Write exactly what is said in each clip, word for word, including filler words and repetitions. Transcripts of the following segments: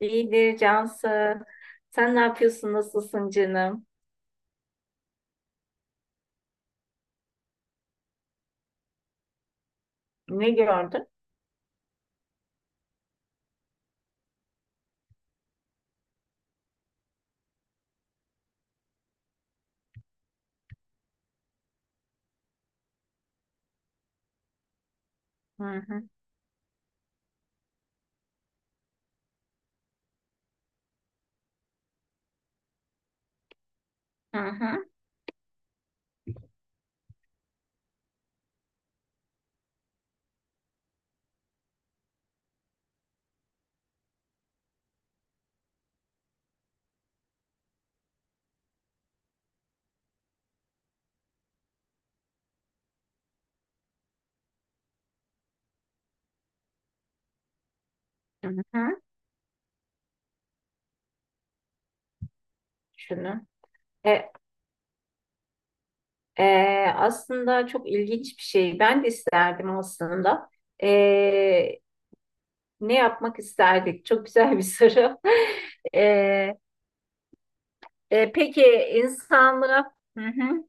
İyidir Cansı. Sen ne yapıyorsun? Nasılsın canım? Ne gördün? Hı hı. Hı hı. Hı hı. Şunu. E, e, Aslında çok ilginç bir şey. Ben de isterdim aslında. E, Ne yapmak isterdik? Çok güzel bir soru. E, e, peki insanlara, hı hı.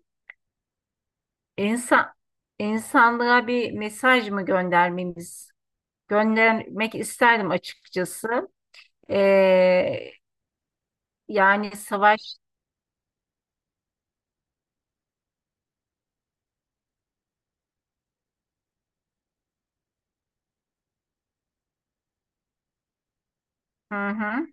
İnsan, insanlara bir mesaj mı göndermemiz? Göndermek isterdim açıkçası. E, Yani savaş. Hı hı.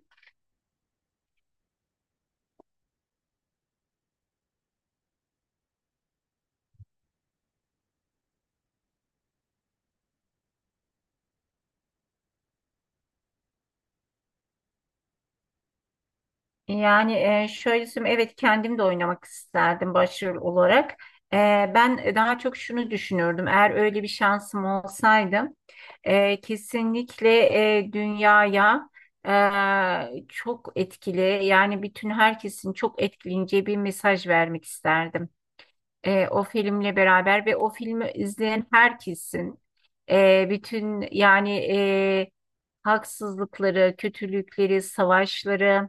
Yani e, şöyle söyleyeyim, evet kendim de oynamak isterdim başrol olarak. E, Ben daha çok şunu düşünürdüm. Eğer öyle bir şansım olsaydı, e, kesinlikle, e, dünyaya e, çok etkili, yani bütün herkesin çok etkileyeceği bir mesaj vermek isterdim. E, o filmle beraber ve o filmi izleyen herkesin, e, bütün yani e, haksızlıkları, kötülükleri, savaşları,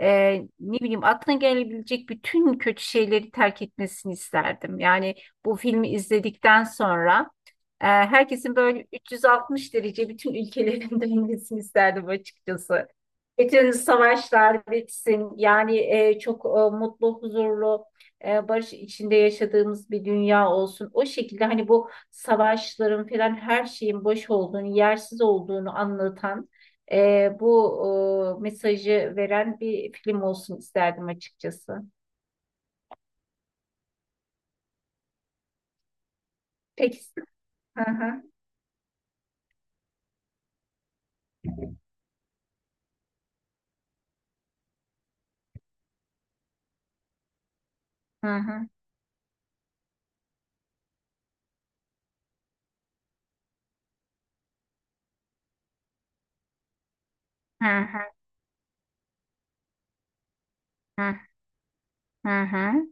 e, ne bileyim aklına gelebilecek bütün kötü şeyleri terk etmesini isterdim. Yani bu filmi izledikten sonra, e, herkesin böyle üç yüz altmış derece bütün ülkelerin dönmesini isterdim açıkçası. Bütün savaşlar bitsin. Yani e, çok e, mutlu, huzurlu, e, barış içinde yaşadığımız bir dünya olsun. O şekilde hani bu savaşların falan her şeyin boş olduğunu, yersiz olduğunu anlatan, e, bu e, mesajı veren bir film olsun isterdim açıkçası. Peki. Hı hı. Hı hı. Hı hı. Hı hı. Hı.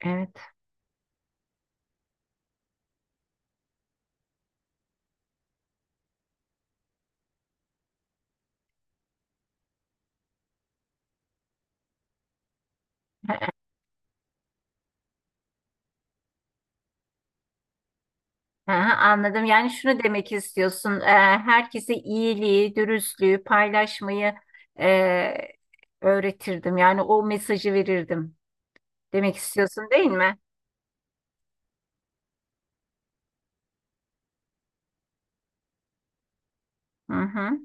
Evet. Hı hı, hı hı, anladım. Yani şunu demek istiyorsun. e, Herkese iyiliği, dürüstlüğü, paylaşmayı, e, öğretirdim. Yani o mesajı verirdim. Demek istiyorsun değil mi? Hı hı.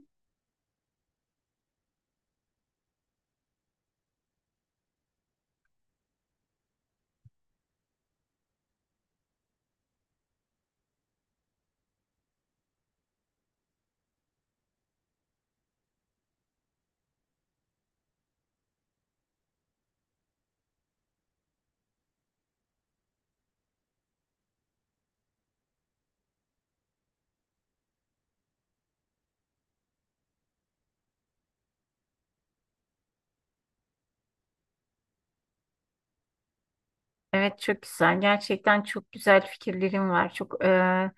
Evet çok güzel. Gerçekten çok güzel fikirlerim var. Çok e,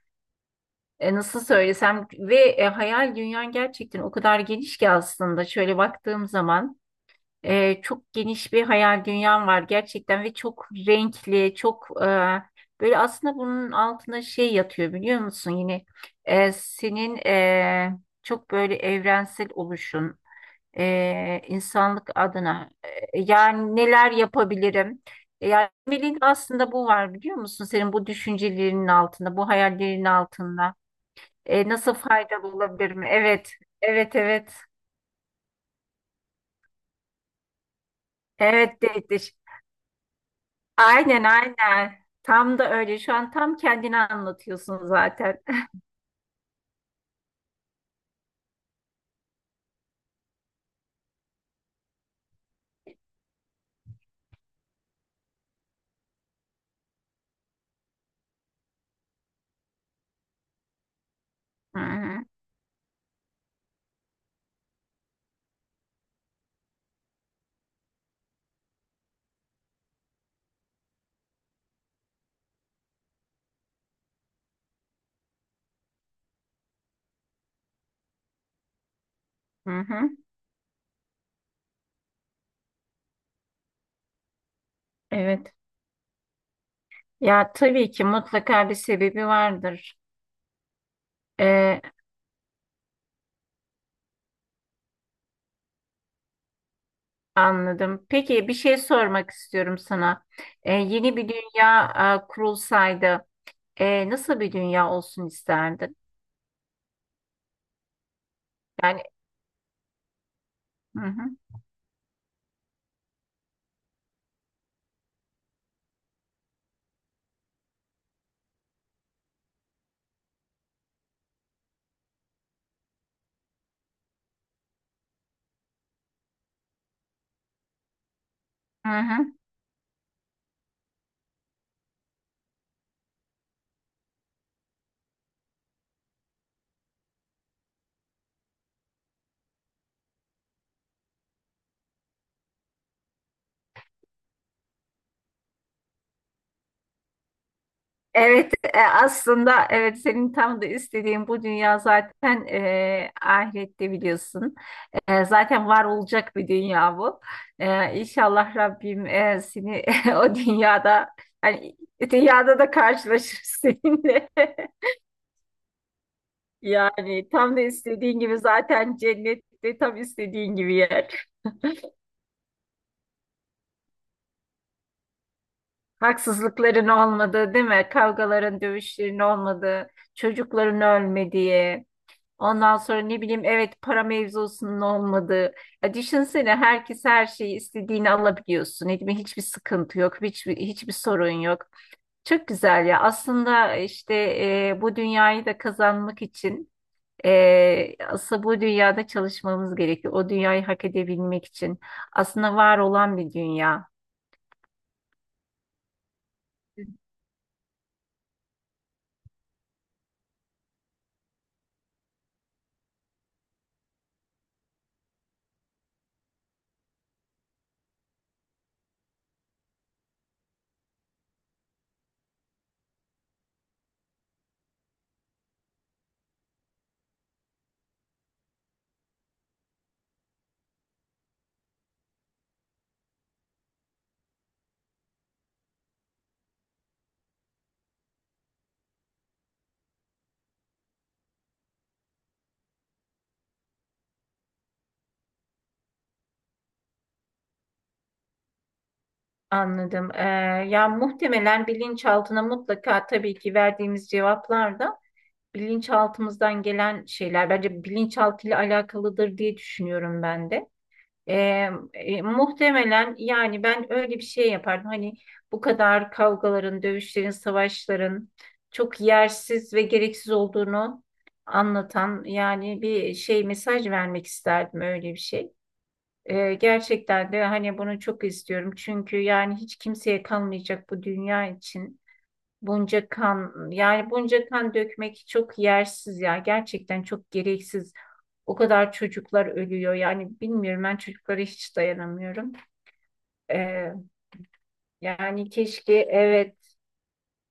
e, nasıl söylesem ve e, hayal dünyan gerçekten o kadar geniş ki, aslında şöyle baktığım zaman e, çok geniş bir hayal dünyam var gerçekten ve çok renkli çok, e, böyle aslında bunun altında şey yatıyor, biliyor musun, yine e, senin e, çok böyle evrensel oluşun, e, insanlık adına, e, yani neler yapabilirim. E, yani temelinde aslında bu var, biliyor musun, senin bu düşüncelerinin altında, bu hayallerinin altında. E, nasıl faydalı olabilir mi? Evet, evet, evet. Evet Dehdiş. Aynen, aynen. Tam da öyle. Şu an tam kendini anlatıyorsun zaten. Hı hı, hı hı. Evet. Ya tabii ki mutlaka bir sebebi vardır. E, Anladım. Peki bir şey sormak istiyorum sana. E, yeni bir dünya e, kurulsaydı, e, nasıl bir dünya olsun isterdin? Yani hı hı, hı hı. Evet, e, aslında evet senin tam da istediğin bu dünya zaten, e, ahirette biliyorsun. E, zaten var olacak bir dünya bu. E, İnşallah Rabbim e, seni o dünyada, hani dünyada da karşılaşır seninle. Yani tam da istediğin gibi zaten, cennette tam istediğin gibi yer. Haksızlıkların olmadığı, değil mi? Kavgaların, dövüşlerin olmadığı, çocukların ölmediği. Ondan sonra ne bileyim, evet, para mevzusunun olmadığı. Ya düşünsene, herkes her şeyi istediğini alabiliyorsun. Ne bileyim, hiçbir sıkıntı yok, hiçbir, hiçbir sorun yok. Çok güzel ya. Aslında işte e, bu dünyayı da kazanmak için, e, aslında bu dünyada çalışmamız gerekiyor. O dünyayı hak edebilmek için. Aslında var olan bir dünya. Hı. Anladım. Ee, ya muhtemelen bilinçaltına mutlaka tabii ki, verdiğimiz cevaplar da bilinçaltımızdan gelen şeyler. Bence bilinçaltıyla alakalıdır diye düşünüyorum ben de. Ee, e, muhtemelen yani ben öyle bir şey yapardım. Hani bu kadar kavgaların, dövüşlerin, savaşların çok yersiz ve gereksiz olduğunu anlatan, yani bir şey, mesaj vermek isterdim öyle bir şey. Ee, gerçekten de hani bunu çok istiyorum. Çünkü yani hiç kimseye kalmayacak bu dünya için. Bunca kan, yani bunca kan dökmek çok yersiz ya, gerçekten çok gereksiz. O kadar çocuklar ölüyor yani, bilmiyorum, ben çocuklara hiç dayanamıyorum. Ee, Yani keşke, evet,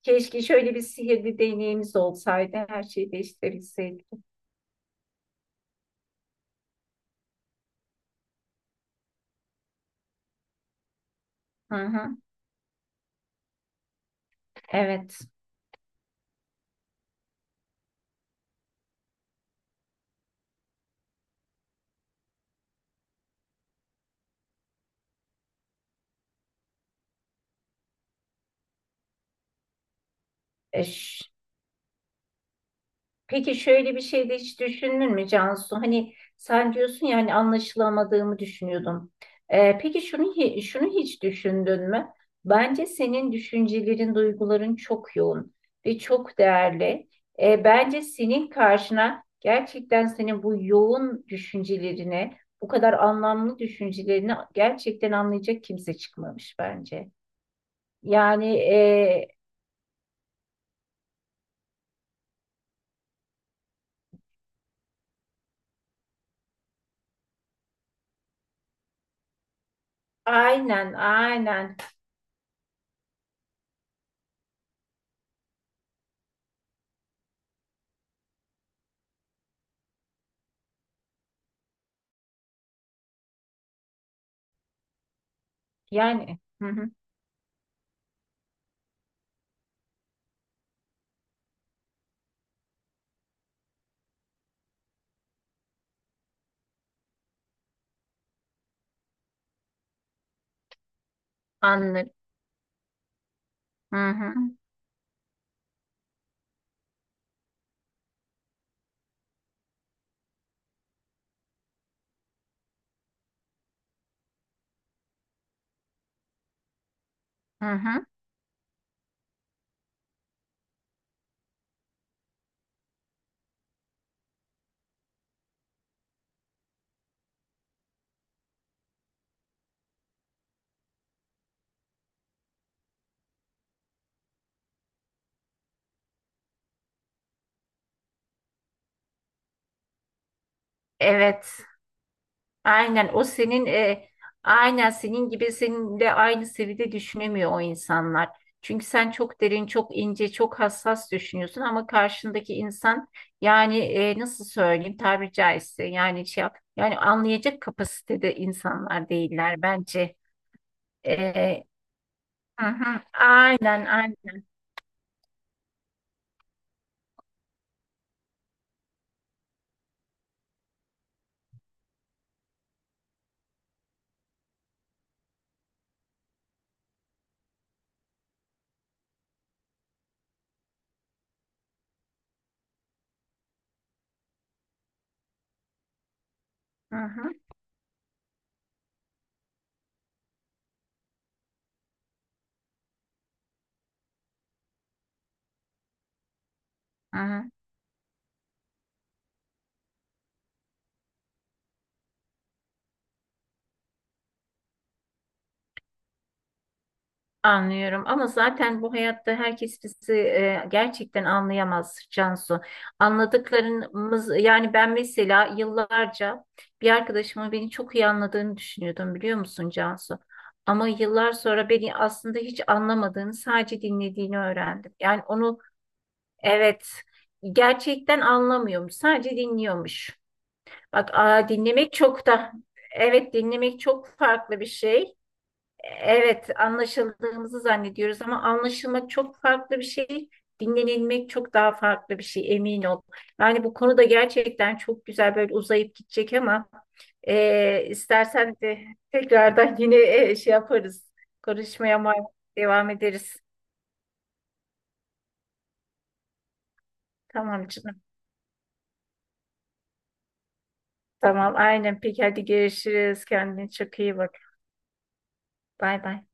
keşke şöyle bir sihirli deneyimiz olsaydı, her şeyi değiştirebilseydik. Hı hı, evet. E, ş- Peki şöyle bir şey de hiç düşündün mü Cansu? Hani sen diyorsun ya, hani anlaşılamadığımı düşünüyordum. Ee, peki şunu hi- şunu hiç düşündün mü? Bence senin düşüncelerin, duyguların çok yoğun ve çok değerli. Ee, bence senin karşına gerçekten senin bu yoğun düşüncelerine, bu kadar anlamlı düşüncelerine gerçekten anlayacak kimse çıkmamış bence. Yani e, aynen, aynen. Yani hı hı, anladım. Hı hı. Hı hı. Evet. Aynen, o senin e, aynen senin gibi seninle aynı seviyede düşünemiyor o insanlar. Çünkü sen çok derin, çok ince, çok hassas düşünüyorsun ama karşındaki insan, yani e, nasıl söyleyeyim, tabiri caizse yani şey yap- yani anlayacak kapasitede insanlar değiller bence. E, hı hı. Aynen aynen. Hı hı. Hı hı. Anlıyorum ama zaten bu hayatta herkes bizi e, gerçekten anlayamaz Cansu. Anladıklarımız, yani ben mesela yıllarca bir arkadaşımın beni çok iyi anladığını düşünüyordum, biliyor musun Cansu? Ama yıllar sonra beni aslında hiç anlamadığını, sadece dinlediğini öğrendim. Yani onu, evet, gerçekten anlamıyormuş, sadece dinliyormuş. Bak, aa, dinlemek çok da, evet, dinlemek çok farklı bir şey. Evet, anlaşıldığımızı zannediyoruz ama anlaşılmak çok farklı bir şey, dinlenilmek çok daha farklı bir şey, emin ol. Yani bu konuda gerçekten çok güzel böyle uzayıp gidecek ama, e, istersen de tekrardan yine e, şey yaparız, konuşmaya ma- devam ederiz. Tamam canım, tamam, aynen, peki, hadi görüşürüz, kendine çok iyi bak, bay bay.